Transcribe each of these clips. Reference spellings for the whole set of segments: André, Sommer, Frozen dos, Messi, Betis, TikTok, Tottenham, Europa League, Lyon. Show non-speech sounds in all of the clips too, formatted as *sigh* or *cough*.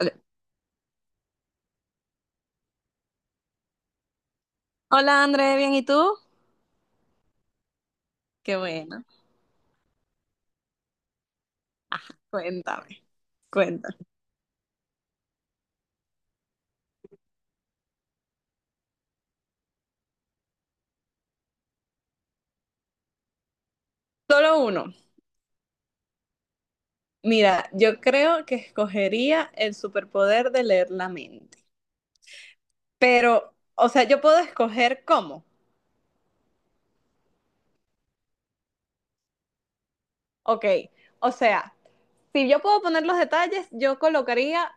Ok. Hola André, bien, ¿y tú? Qué bueno, cuéntame, cuéntame. Solo uno. Mira, yo creo que escogería el superpoder de leer la mente. Pero, o sea, yo puedo escoger cómo. Ok, o sea, si yo puedo poner los detalles, yo colocaría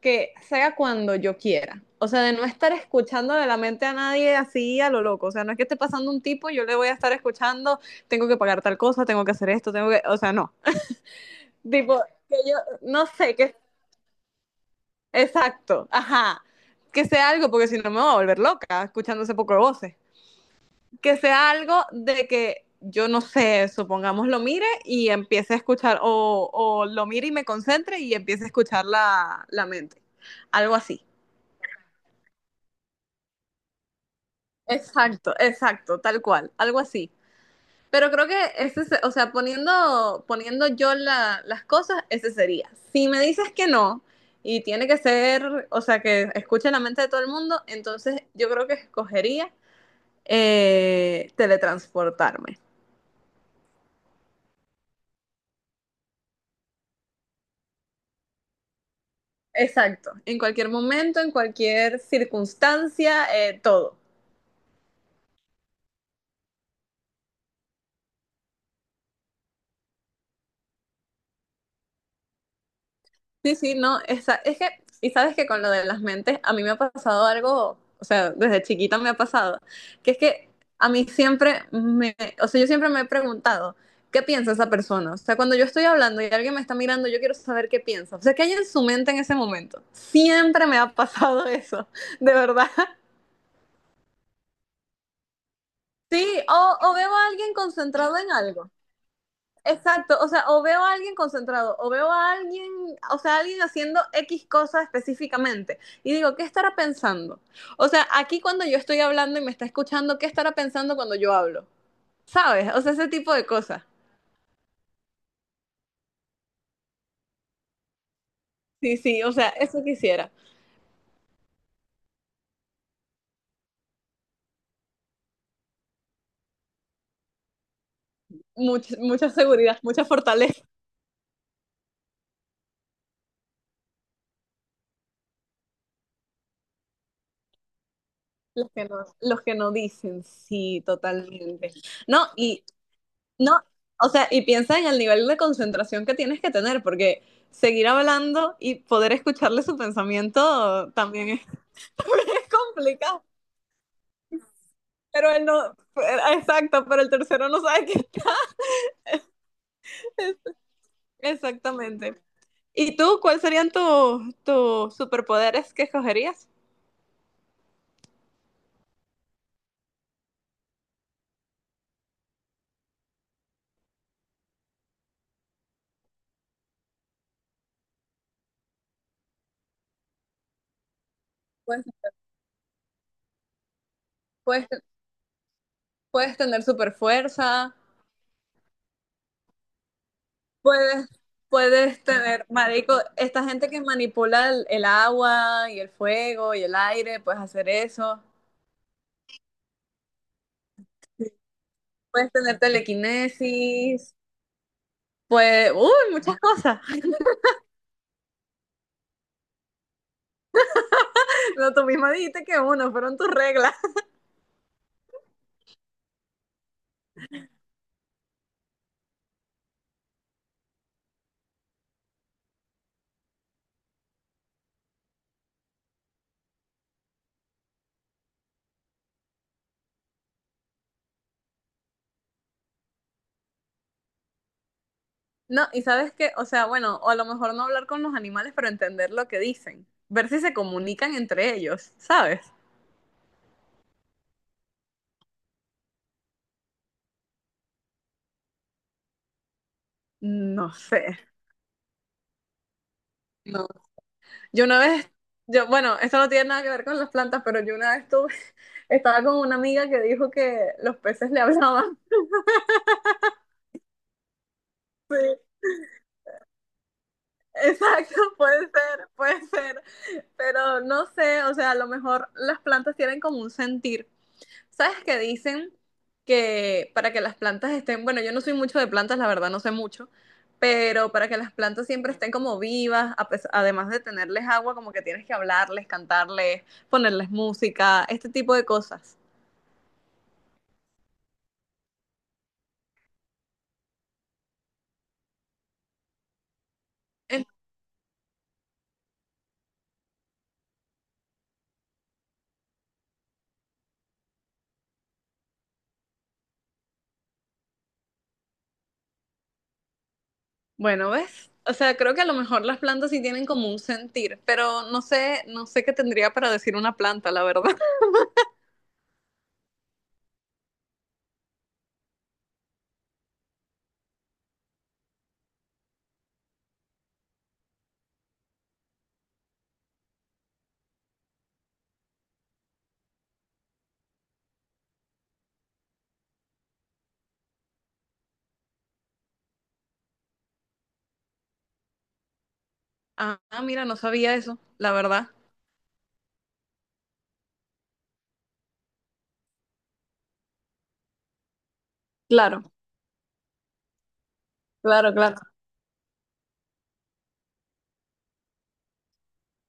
que sea cuando yo quiera. O sea, de no estar escuchando de la mente a nadie así a lo loco. O sea, no es que esté pasando un tipo, yo le voy a estar escuchando, tengo que pagar tal cosa, tengo que hacer esto, tengo que... O sea, no. Tipo, que yo, no sé, que, exacto, ajá, que sea algo, porque si no me voy a volver loca escuchando ese poco de voces, que sea algo de que yo no sé, supongamos lo mire y empiece a escuchar, o lo mire y me concentre y empiece a escuchar la mente, algo así. Exacto, exacto, tal cual, algo así. Pero creo que ese, o sea, poniendo yo las cosas, ese sería. Si me dices que no, y tiene que ser, o sea, que escuche la mente de todo el mundo, entonces yo creo que escogería teletransportarme. Exacto, en cualquier momento, en cualquier circunstancia, todo. Sí, sí, no, esa, es que, y sabes que con lo de las mentes, a mí me ha pasado algo, o sea, desde chiquita me ha pasado, que es que a mí siempre me, o sea, yo siempre me he preguntado, ¿qué piensa esa persona? O sea, cuando yo estoy hablando y alguien me está mirando, yo quiero saber qué piensa. O sea, ¿qué hay en su mente en ese momento? Siempre me ha pasado *laughs* eso, de verdad. Sí, o veo a alguien concentrado en algo. Exacto, o sea, o veo a alguien concentrado, o veo a alguien, o sea, alguien haciendo X cosa específicamente, y digo, ¿qué estará pensando? O sea, aquí cuando yo estoy hablando y me está escuchando, ¿qué estará pensando cuando yo hablo? ¿Sabes? O sea, ese tipo de cosas. Sí, sí, o sea, eso quisiera. Mucha, mucha seguridad, mucha fortaleza. Los que no dicen, sí, totalmente. No, y no, o sea, y piensa en el nivel de concentración que tienes que tener, porque seguir hablando y poder escucharle su pensamiento también es *laughs* complicado. Pero él no, exacto, pero el tercero no sabe qué es. Exactamente. ¿Y tú, cuáles serían tus superpoderes que escogerías? Pues, puedes, puedes tener super fuerza, puedes, puedes tener, marico, esta gente que manipula el agua y el fuego y el aire, puedes hacer eso. Puedes tener telequinesis, pues, uy, muchas cosas. *laughs* No, tú misma dijiste que uno, fueron tus reglas. *laughs* No, y sabes qué, o sea, bueno, o a lo mejor no hablar con los animales, pero entender lo que dicen, ver si se comunican entre ellos, ¿sabes? No sé. No. Yo una vez, yo, bueno, esto no tiene nada que ver con las plantas, pero yo una vez tuve, *laughs* estaba con una amiga que dijo que los peces le *laughs* hablaban. Sí, exacto, puede ser, puede ser. Pero no sé, o sea, a lo mejor las plantas tienen como un sentir. ¿Sabes qué dicen? Que para que las plantas estén, bueno, yo no soy mucho de plantas, la verdad, no sé mucho, pero para que las plantas siempre estén como vivas, además de tenerles agua, como que tienes que hablarles, cantarles, ponerles música, este tipo de cosas. En- Bueno, ¿ves? O sea, creo que a lo mejor las plantas sí tienen como un sentir, pero no sé, no sé qué tendría para decir una planta, la verdad. *laughs* Ah, mira, no sabía eso, la verdad. Claro. Claro, claro.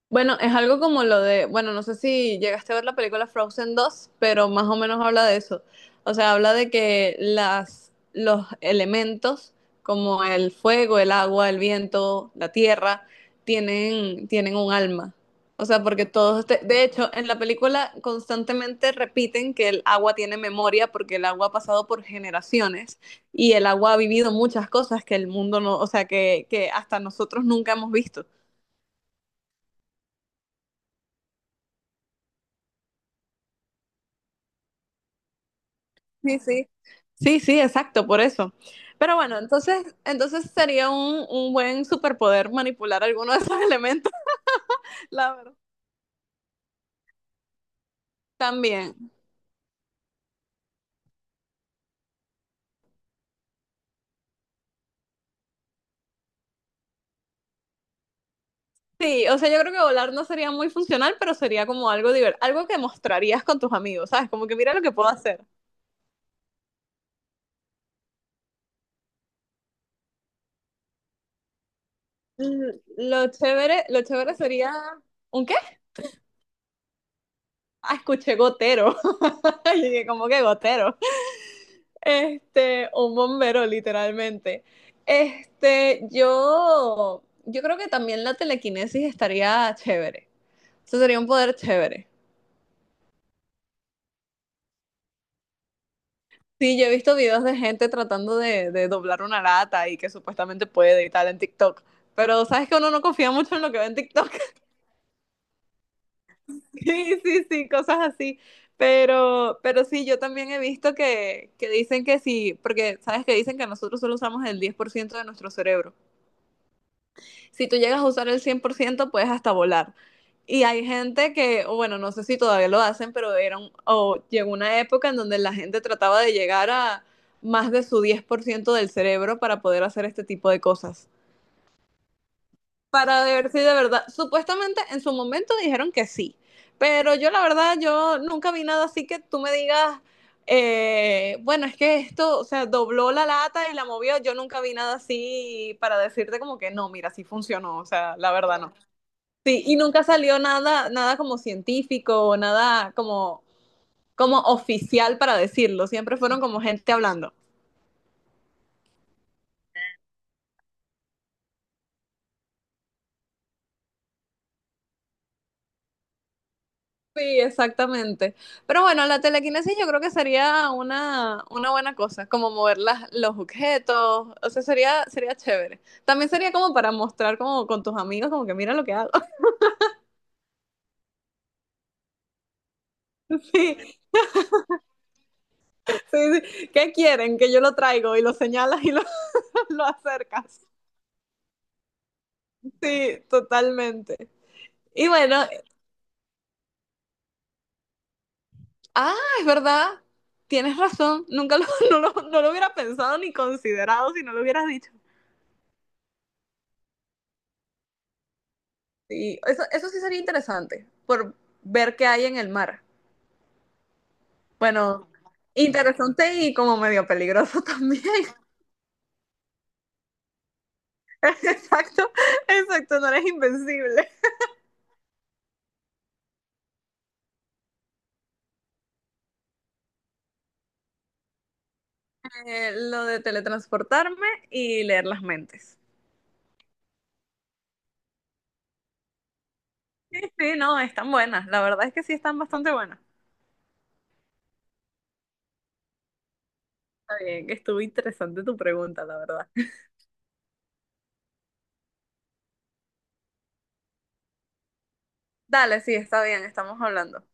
Bueno, es algo como lo de, bueno, no sé si llegaste a ver la película Frozen 2, pero más o menos habla de eso. O sea, habla de que las, los elementos como el fuego, el agua, el viento, la tierra, tienen un alma. O sea, porque todos, de hecho, en la película constantemente repiten que el agua tiene memoria porque el agua ha pasado por generaciones y el agua ha vivido muchas cosas que el mundo no, o sea, que hasta nosotros nunca hemos visto. Sí, sí. Sí, sí, exacto, por eso. Pero bueno, entonces, entonces sería un buen superpoder manipular alguno de esos *laughs* elementos, la verdad. También. Sí, o sea, yo creo que volar no sería muy funcional, pero sería como algo divertido, algo que mostrarías con tus amigos, ¿sabes? Como que mira lo que puedo hacer. Mm, lo chévere, lo chévere sería... ¿Un qué? Ah, escuché gotero. *laughs* Y dije, ¿cómo que gotero? Este, un bombero, literalmente. Este, yo creo que también la telequinesis estaría chévere. Eso sería un poder chévere. Sí, yo he visto videos de gente tratando de doblar una lata y que supuestamente puede y tal en TikTok. Pero sabes que uno no confía mucho en lo que ve en TikTok. *laughs* Sí, sí, sí, cosas así. Pero sí, yo también he visto que dicen que sí, porque sabes que dicen que nosotros solo usamos el 10% de nuestro cerebro. Si tú llegas a usar el 100% puedes hasta volar. Y hay gente que, o bueno, no sé si todavía lo hacen, pero era o llegó una época en donde la gente trataba de llegar a más de su 10% del cerebro para poder hacer este tipo de cosas. Para ver si de verdad, supuestamente en su momento dijeron que sí, pero yo la verdad, yo nunca vi nada así que tú me digas, bueno, es que esto, o sea, dobló la lata y la movió, yo nunca vi nada así para decirte como que no, mira, sí funcionó, o sea, la verdad no. Sí, y nunca salió nada, nada como científico o nada como, como oficial para decirlo. Siempre fueron como gente hablando. Sí, exactamente. Pero bueno, la telequinesis yo creo que sería una buena cosa, como mover las, los objetos, o sea, sería, sería chévere. También sería como para mostrar como con tus amigos, como que mira lo que hago. *laughs* Sí, sí, sí. ¿Qué quieren? Que yo lo traigo y lo señalas y lo, *laughs* lo acercas. Sí, totalmente. Y bueno, ah, es verdad. Tienes razón. Nunca lo, *laughs* no lo hubiera pensado ni considerado si no lo hubieras dicho. Sí, eso sí sería interesante, por ver qué hay en el mar. Bueno, interesante y como medio peligroso también. *laughs* Exacto, exacto, no eres invencible. Lo de teletransportarme y leer las mentes. Sí, sí, no, están buenas. La verdad es que sí están bastante buenas. Está bien, que estuvo interesante tu pregunta, la verdad. Dale, sí, está bien, estamos hablando.